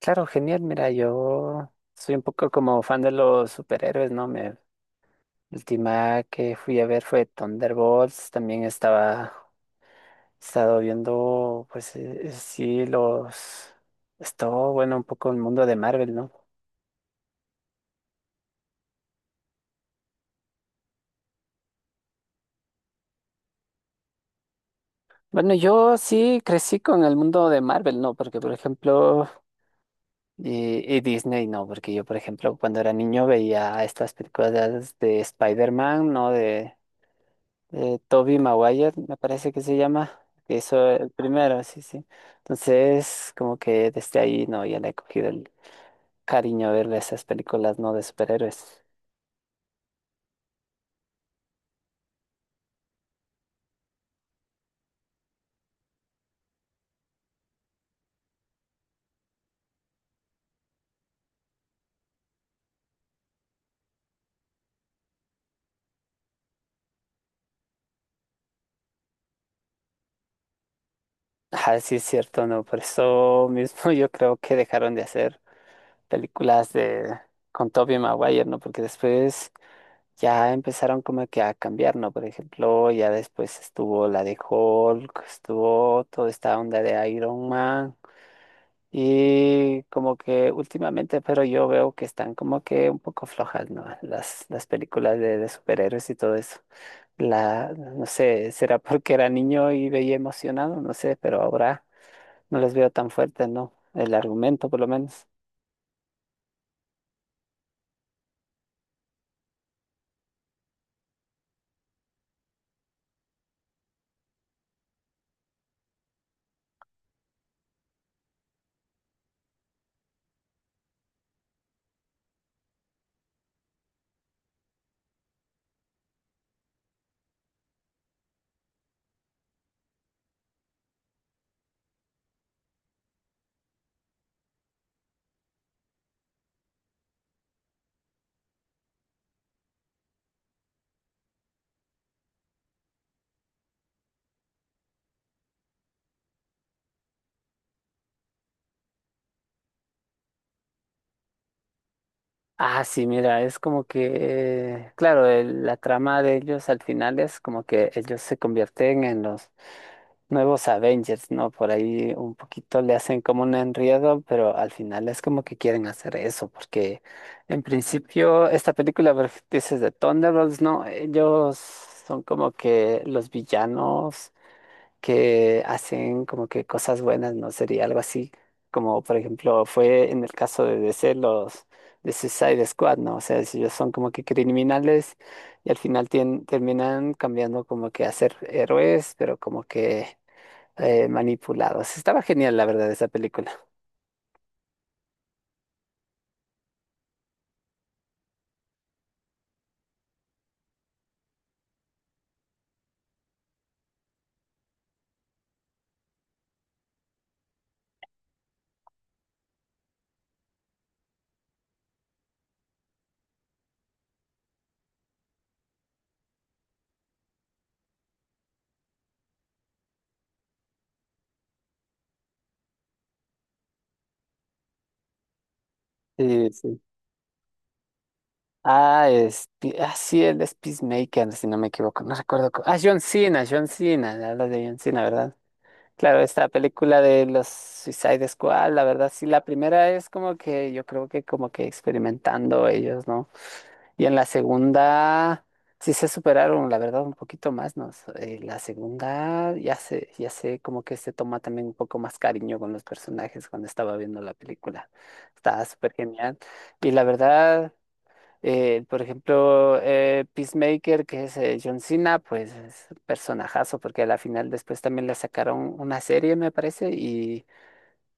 Claro, genial. Mira, yo soy un poco como fan de los superhéroes, ¿no? La última que fui a ver fue Thunderbolts. Estado viendo, pues sí, Estuvo, bueno, un poco el mundo de Marvel, ¿no? Bueno, yo sí crecí con el mundo de Marvel, ¿no? Porque, por ejemplo, y Disney, ¿no? Porque yo, por ejemplo, cuando era niño veía estas películas de Spider-Man, ¿no? De Tobey Maguire, me parece que se llama, que hizo el primero, sí, sí. Entonces, como que desde ahí, no, ya le he cogido el cariño a verle esas películas, no de superhéroes. Ah, sí, es cierto, no, por eso mismo yo creo que dejaron de hacer películas de con Tobey Maguire, ¿no? Porque después ya empezaron como que a cambiar, ¿no? Por ejemplo, ya después estuvo la de Hulk, estuvo toda esta onda de Iron Man. Y como que últimamente, pero yo veo que están como que un poco flojas, ¿no? Las películas de superhéroes y todo eso. La, no sé, será porque era niño y veía emocionado, no sé, pero ahora no las veo tan fuertes, ¿no? El argumento, por lo menos. Ah, sí, mira, es como que, claro, la trama de ellos al final es como que ellos se convierten en los nuevos Avengers, ¿no? Por ahí un poquito le hacen como un enredo, pero al final es como que quieren hacer eso, porque en principio esta película, por ejemplo, dices de Thunderbolts, ¿no? Ellos son como que los villanos que hacen como que cosas buenas, ¿no? Sería algo así, como por ejemplo fue en el caso de DC los de Suicide Squad, ¿no? O sea, si ellos son como que criminales y al final terminan cambiando como que a ser héroes, pero como que manipulados. Estaba genial, la verdad, esa película. Sí, sí. Ah, sí, él es Peacemaker, si no me equivoco, no recuerdo. Ah, John Cena, hablas de John Cena, ¿verdad? Claro, esta película de los Suicide Squad, la verdad, sí, la primera es como que yo creo que como que experimentando ellos, ¿no? Y en la segunda sí se superaron, la verdad, un poquito más, ¿no? La segunda ya se como que se toma también un poco más cariño con los personajes cuando estaba viendo la película. Estaba súper genial. Y la verdad. Por ejemplo, Peacemaker, que es John Cena, pues es un personajazo, porque a la final después también le sacaron una serie, me parece, y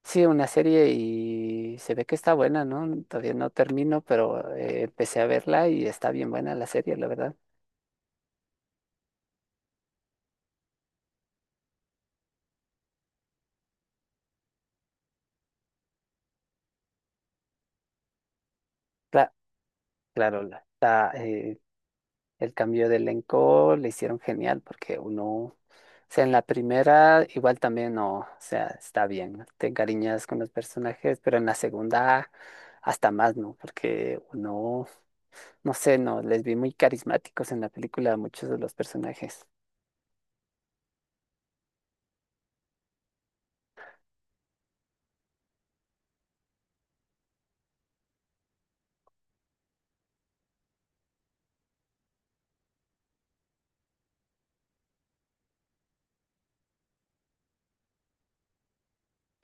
sí, una serie y se ve que está buena, ¿no? Todavía no termino, pero empecé a verla y está bien buena la serie, la verdad. Cla- claro, el cambio de elenco le hicieron genial porque uno, o sea, en la primera igual también no, o sea, está bien, te encariñas con los personajes, pero en la segunda hasta más, ¿no? Porque uno, no sé, no, les vi muy carismáticos en la película a muchos de los personajes.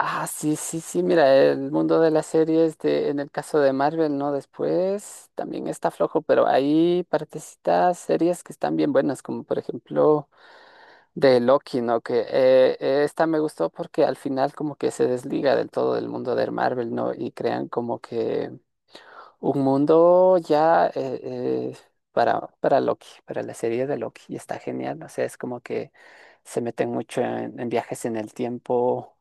Ah, sí, sí, sí, mira, el mundo de las series de, en el caso de Marvel, ¿no? Después también está flojo, pero hay partecitas, series que están bien buenas, como por ejemplo... De Loki, ¿no? Que esta me gustó porque al final como que se desliga del todo del mundo de Marvel, ¿no? Y crean como que un mundo ya eh, para Loki, para la serie de Loki, y está genial, o sea, es como que se meten mucho en viajes en el tiempo,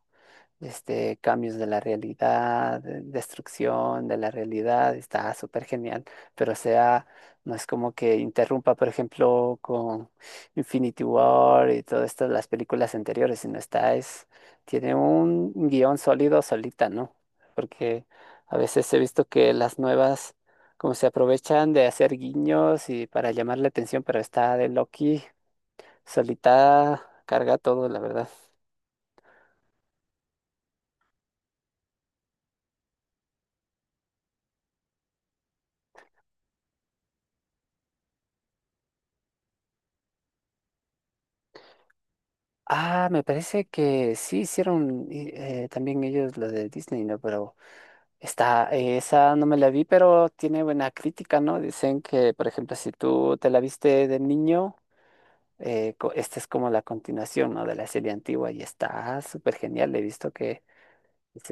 este, cambios de la realidad, destrucción de la realidad, está súper genial, pero o sea, no es como que interrumpa, por ejemplo, con Infinity War y todas estas las películas anteriores, sino está, es, tiene un guión sólido solita, ¿no? Porque a veces he visto que las nuevas, como se aprovechan de hacer guiños y para llamar la atención, pero está de Loki solita, carga todo, la verdad. Ah, me parece que sí hicieron también ellos lo de Disney, ¿no? Pero está, esa no me la vi, pero tiene buena crítica, ¿no? Dicen que, por ejemplo, si tú te la viste de niño, esta es como la continuación, ¿no? De la serie antigua y está súper genial. He visto que es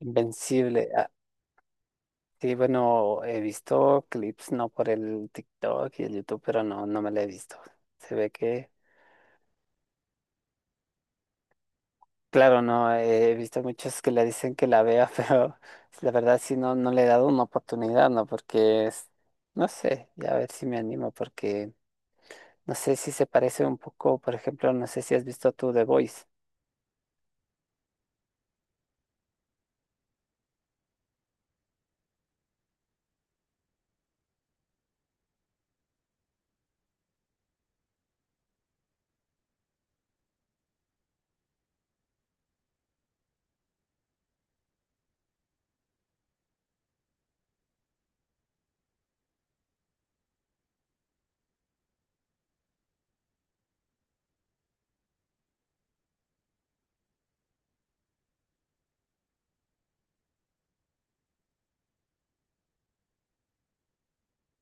invencible. Ah, sí, bueno, he visto clips, ¿no? Por el TikTok y el YouTube, pero no, no me la he visto. Se ve que... Claro, no, he visto muchos que le dicen que la vea, pero la verdad sí no, no le he dado una oportunidad, ¿no? Porque es, no sé, ya a ver si me animo, porque no sé si se parece un poco, por ejemplo, no sé si has visto tú The Voice.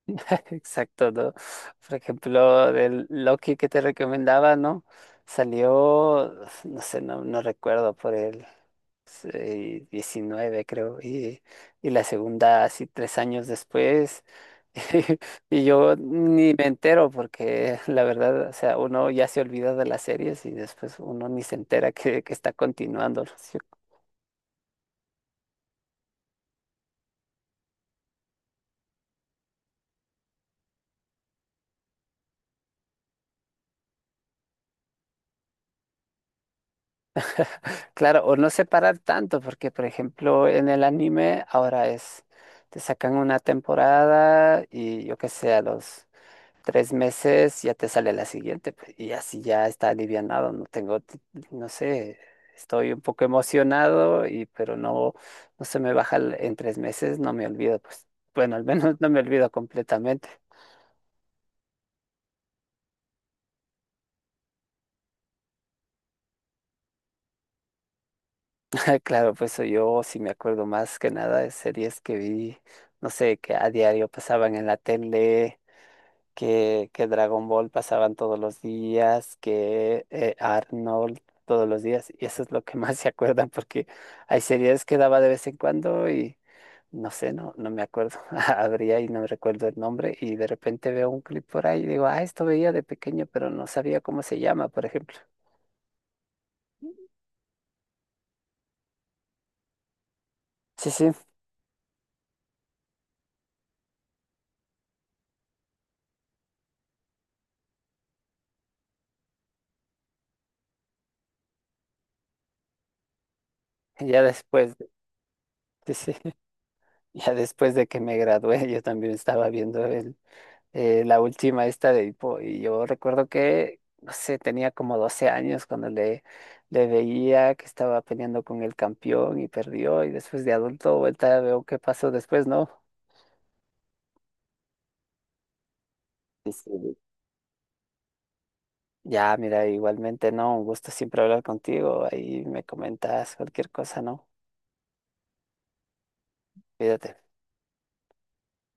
Exacto, ¿no? Por ejemplo, del Loki que te recomendaba, ¿no? Salió, no sé, no, no recuerdo por el 19 creo, y la segunda así 3 años después, y yo ni me entero porque la verdad, o sea, uno ya se olvida de las series y después uno ni se entera que está continuando, ¿no es cierto? Claro, o no separar tanto, porque por ejemplo en el anime ahora es, te sacan una temporada y yo qué sé, a los... 3 meses ya te sale la siguiente, pues, y así ya está alivianado, no sé, estoy un poco emocionado y pero no, no se me baja en 3 meses, no me olvido, pues, bueno, al menos no me olvido completamente. Claro, pues soy yo sí me acuerdo más que nada de series que vi, no sé, que a diario pasaban en la tele que Dragon Ball pasaban todos los días, que Arnold todos los días, y eso es lo que más se acuerdan, porque hay series que daba de vez en cuando y no sé, no, no me acuerdo, habría y no recuerdo el nombre, y de repente veo un clip por ahí y digo, ah, esto veía de pequeño, pero no sabía cómo se llama, por ejemplo. Sí, sí, ya después, de- sí, sí, ya después de que me gradué, yo también estaba viendo el la última esta de Edipo. Y yo recuerdo que, no sé, tenía como 12 años cuando le veía que estaba peleando con el campeón y perdió. Y después de adulto, vuelta, veo qué pasó después, ¿no? Sí, sí. Ya, mira, igualmente, ¿no? Un gusto siempre hablar contigo. Ahí me comentas cualquier cosa, ¿no? Cuídate.